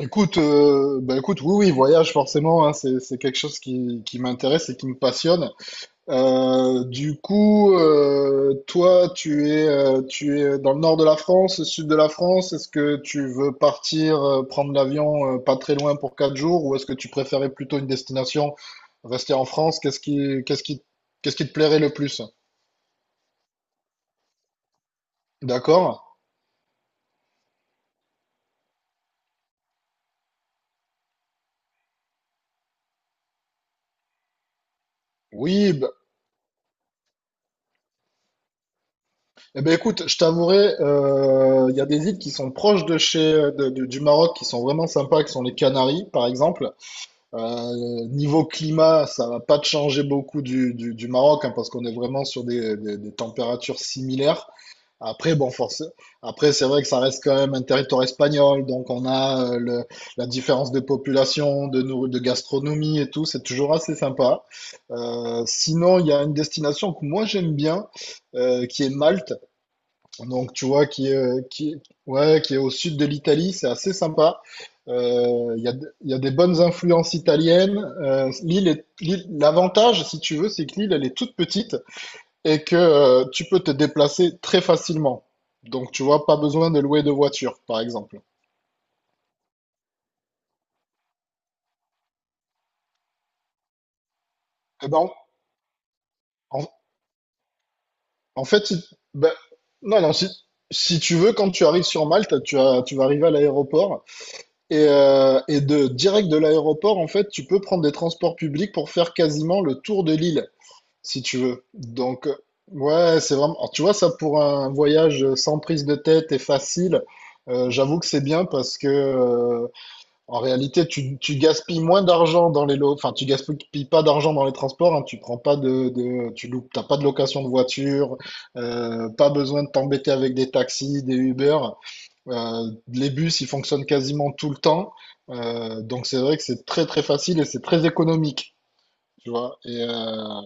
Écoute, écoute, oui, oui, voyage forcément, hein, c'est quelque chose qui m'intéresse et qui me passionne. Toi, tu es dans le nord de la France, le sud de la France. Est-ce que tu veux partir prendre l'avion pas très loin pour quatre jours, ou est-ce que tu préférais plutôt une destination rester en France? Qu'est-ce qui te plairait le plus? D'accord. Oui, bah, eh ben écoute, je t'avouerai, il y a des îles qui sont proches de chez, de- du Maroc, qui sont vraiment sympas, qui sont les Canaries, par exemple. Niveau climat, ça va pas te changer beaucoup du Maroc, hein, parce qu'on est vraiment sur des températures similaires. Après, bon, forcément, après, c'est vrai que ça reste quand même un territoire espagnol, donc on a la différence de population, de gastronomie et tout, c'est toujours assez sympa. Sinon, il y a une destination que moi j'aime bien qui est Malte. Donc, tu vois, ouais, qui est au sud de l'Italie, c'est assez sympa. Il y a, il y a des bonnes influences italiennes. L'avantage, si tu veux, c'est que l'île, elle est toute petite et que tu peux te déplacer très facilement. Donc, tu vois, pas besoin de louer de voiture, par exemple. Eh ben, en, en fait, si, ben, non, non, si, si tu veux, quand tu arrives sur Malte, tu vas arriver à l'aéroport. Et de direct de l'aéroport, en fait, tu peux prendre des transports publics pour faire quasiment le tour de l'île, si tu veux. C'est vraiment. Alors, tu vois, ça pour un voyage sans prise de tête et facile, j'avoue que c'est bien parce que, en réalité, tu gaspilles moins d'argent dans les lots. Enfin, tu gaspilles pas d'argent dans les transports, hein, tu prends pas tu loupes, t'as pas de location de voiture, pas besoin de t'embêter avec des taxis, des Uber. Les bus, ils fonctionnent quasiment tout le temps. Donc c'est vrai que c'est très très facile et c'est très économique, tu vois. Et,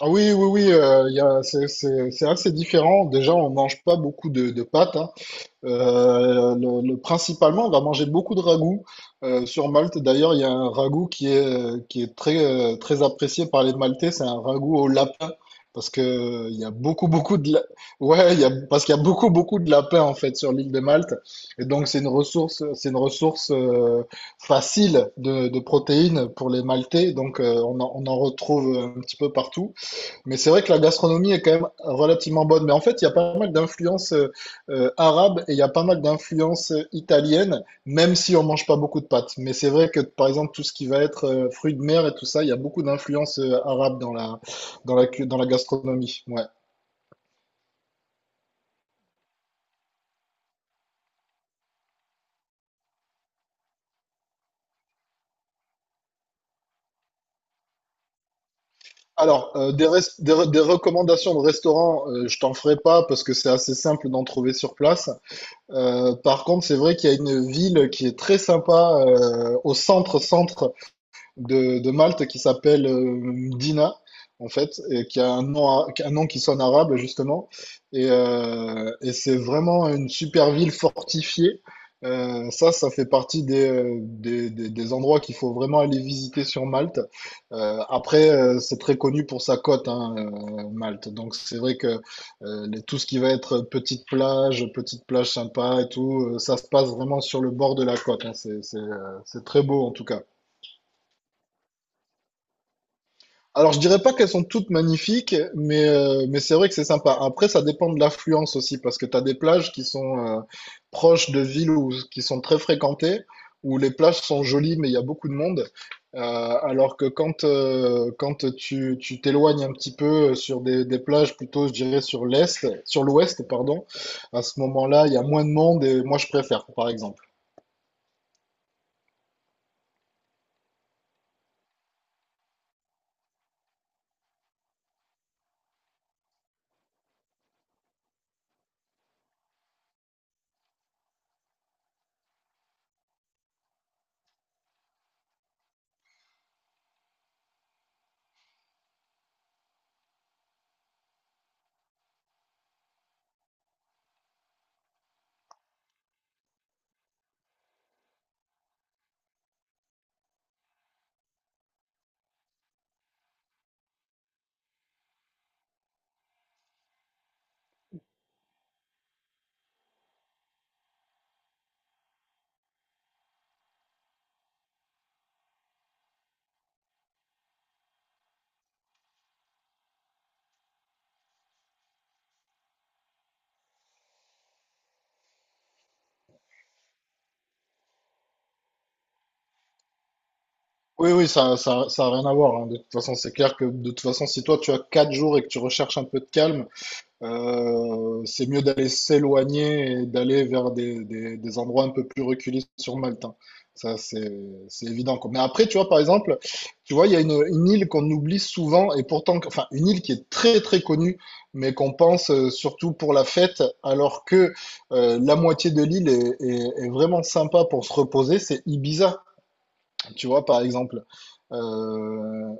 ah oui, oui, oui, il y a, c'est assez différent. Déjà, on mange pas beaucoup de pâtes, hein. Principalement, on va manger beaucoup de ragoût sur Malte. D'ailleurs, il y a un ragoût qui est très, très apprécié par les Maltais. C'est un ragoût au lapin parce que il y a beaucoup, beaucoup ouais, il y a, parce qu'il y a beaucoup, beaucoup de lapins en fait sur l'île de Malte. Et donc, c'est une ressource facile de protéines pour les Maltais. Donc, on en retrouve un petit peu partout. Mais c'est vrai que la gastronomie est quand même relativement bonne. Mais en fait, il y a pas mal d'influences arabes et il y a pas mal d'influences italiennes, même si on mange pas beaucoup de pâtes. Mais c'est vrai que, par exemple, tout ce qui va être fruits de mer et tout ça, il y a beaucoup d'influences arabes dans la, dans la gastronomie. Ouais. Alors, des recommandations de restaurants, je t'en ferai pas parce que c'est assez simple d'en trouver sur place. Par contre, c'est vrai qu'il y a une ville qui est très sympa au centre-centre de Malte qui s'appelle Dina, en fait, et qui a un qui a un nom qui sonne arabe, justement. Et c'est vraiment une super ville fortifiée. Ça fait partie des, des endroits qu'il faut vraiment aller visiter sur Malte. Après, c'est très connu pour sa côte, hein, Malte. Donc, c'est vrai que tout ce qui va être petite plage sympa et tout, ça se passe vraiment sur le bord de la côte, hein. C'est très beau, en tout cas. Alors, je dirais pas qu'elles sont toutes magnifiques, mais c'est vrai que c'est sympa. Après, ça dépend de l'affluence aussi, parce que tu as des plages qui sont proches de villes ou qui sont très fréquentées, où les plages sont jolies, mais il y a beaucoup de monde. Euh, alors que quand, quand tu t'éloignes un petit peu sur des, plages, plutôt, je dirais, sur l'ouest, pardon, à ce moment-là, il y a moins de monde et moi, je préfère, par exemple. Oui, oui, ça a rien à voir, hein. De toute façon, c'est clair que de toute façon, si toi tu as quatre jours et que tu recherches un peu de calme, c'est mieux d'aller s'éloigner et d'aller vers des, des endroits un peu plus reculés sur Malte, hein. Ça, c'est, c'est évident, quoi. Mais après, tu vois, par exemple, tu vois, il y a une île qu'on oublie souvent et pourtant, enfin, une île qui est très, très connue, mais qu'on pense surtout pour la fête, alors que la moitié de l'île est vraiment sympa pour se reposer, c'est Ibiza, tu vois, par exemple. Euh,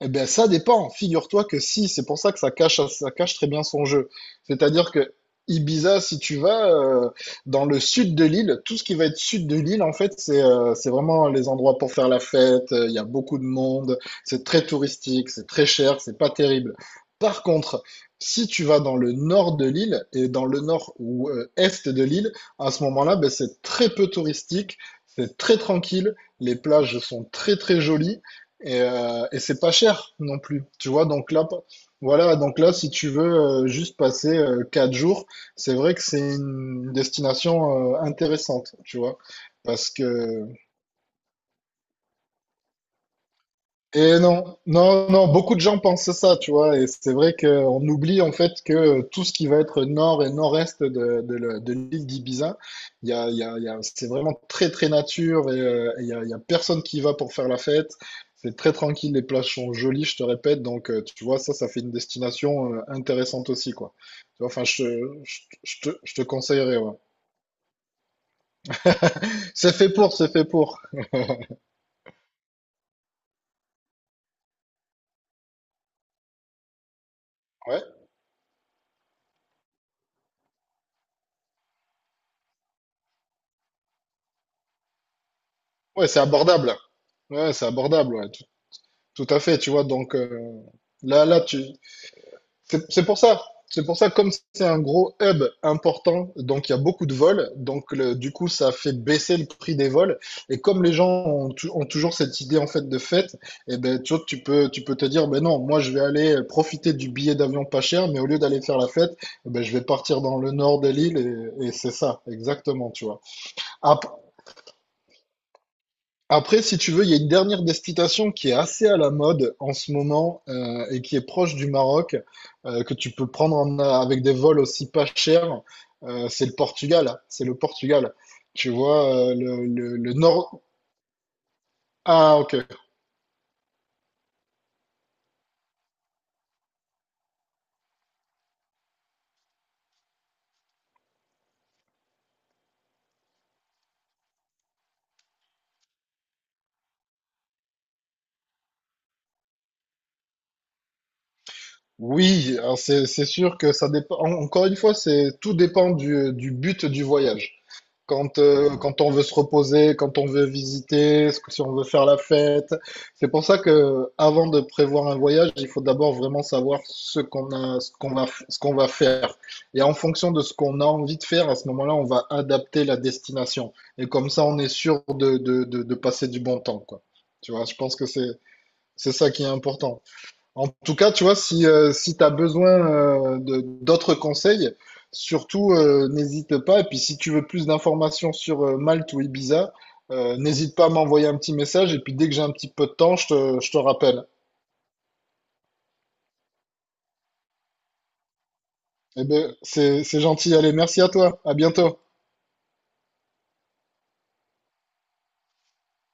eh bien, ça dépend. Figure-toi que si, c'est pour ça que ça cache très bien son jeu. C'est-à-dire que Ibiza, si tu vas dans le sud de l'île, tout ce qui va être sud de l'île, en fait, c'est vraiment les endroits pour faire la fête. Il y a beaucoup de monde, c'est très touristique, c'est très cher, c'est pas terrible. Par contre, si tu vas dans le nord de l'île et dans le nord ou est de l'île, à ce moment-là, ben, c'est très peu touristique, c'est très tranquille, les plages sont très très jolies. Et c'est pas cher non plus, tu vois. Voilà. Donc là, si tu veux juste passer quatre jours, c'est vrai que c'est une destination intéressante, tu vois, parce que et non, non, non, beaucoup de gens pensent ça, tu vois, et c'est vrai qu'on oublie en fait que tout ce qui va être nord et nord-est de l'île d'Ibiza, il y a, il y a, il y a- c'est vraiment très très nature et il y a personne qui y va pour faire la fête. C'est très tranquille, les plages sont jolies, je te répète, donc tu vois, ça fait une destination intéressante aussi, quoi. Tu vois, enfin, je te conseillerais, ouais. C'est fait pour, c'est fait pour. Ouais, ouais, c'est abordable. Ouais, c'est abordable, ouais. Tout à fait, tu vois, donc là, tu... c'est pour ça. C'est pour ça, comme c'est un gros hub important, donc il y a beaucoup de vols, du coup, ça fait baisser le prix des vols. Et comme les gens ont toujours cette idée en fait de fête, et ben tu vois, tu peux te dire, ben non, moi je vais aller profiter du billet d'avion pas cher, mais au lieu d'aller faire la fête, eh ben, je vais partir dans le nord de l'île et c'est ça, exactement, tu vois. Ap- Après, si tu veux, il y a une dernière destination qui est assez à la mode en ce moment et qui est proche du Maroc, que tu peux prendre avec des vols aussi pas chers, c'est le Portugal. C'est le Portugal. Tu vois, le nord. Ah, ok. Oui, alors c'est sûr que ça dépend. Encore une fois, c'est tout dépend du but du voyage. Quand, quand on veut se reposer, quand on veut visiter, si on veut faire la fête. C'est pour ça que avant de prévoir un voyage, il faut d'abord vraiment savoir ce qu'on a, ce qu'on va, ce qu'on va faire. Et en fonction de ce qu'on a envie de faire, à ce moment-là, on va adapter la destination. Et comme ça, on est sûr de passer du bon temps, quoi. Tu vois, je pense que c'est ça qui est important. En tout cas, tu vois, si, si tu as besoin d'autres conseils, surtout n'hésite pas. Et puis si tu veux plus d'informations sur Malte ou Ibiza, n'hésite pas à m'envoyer un petit message. Et puis dès que j'ai un petit peu de temps, je te rappelle. Eh ben, c'est gentil. Allez, merci à toi. À bientôt.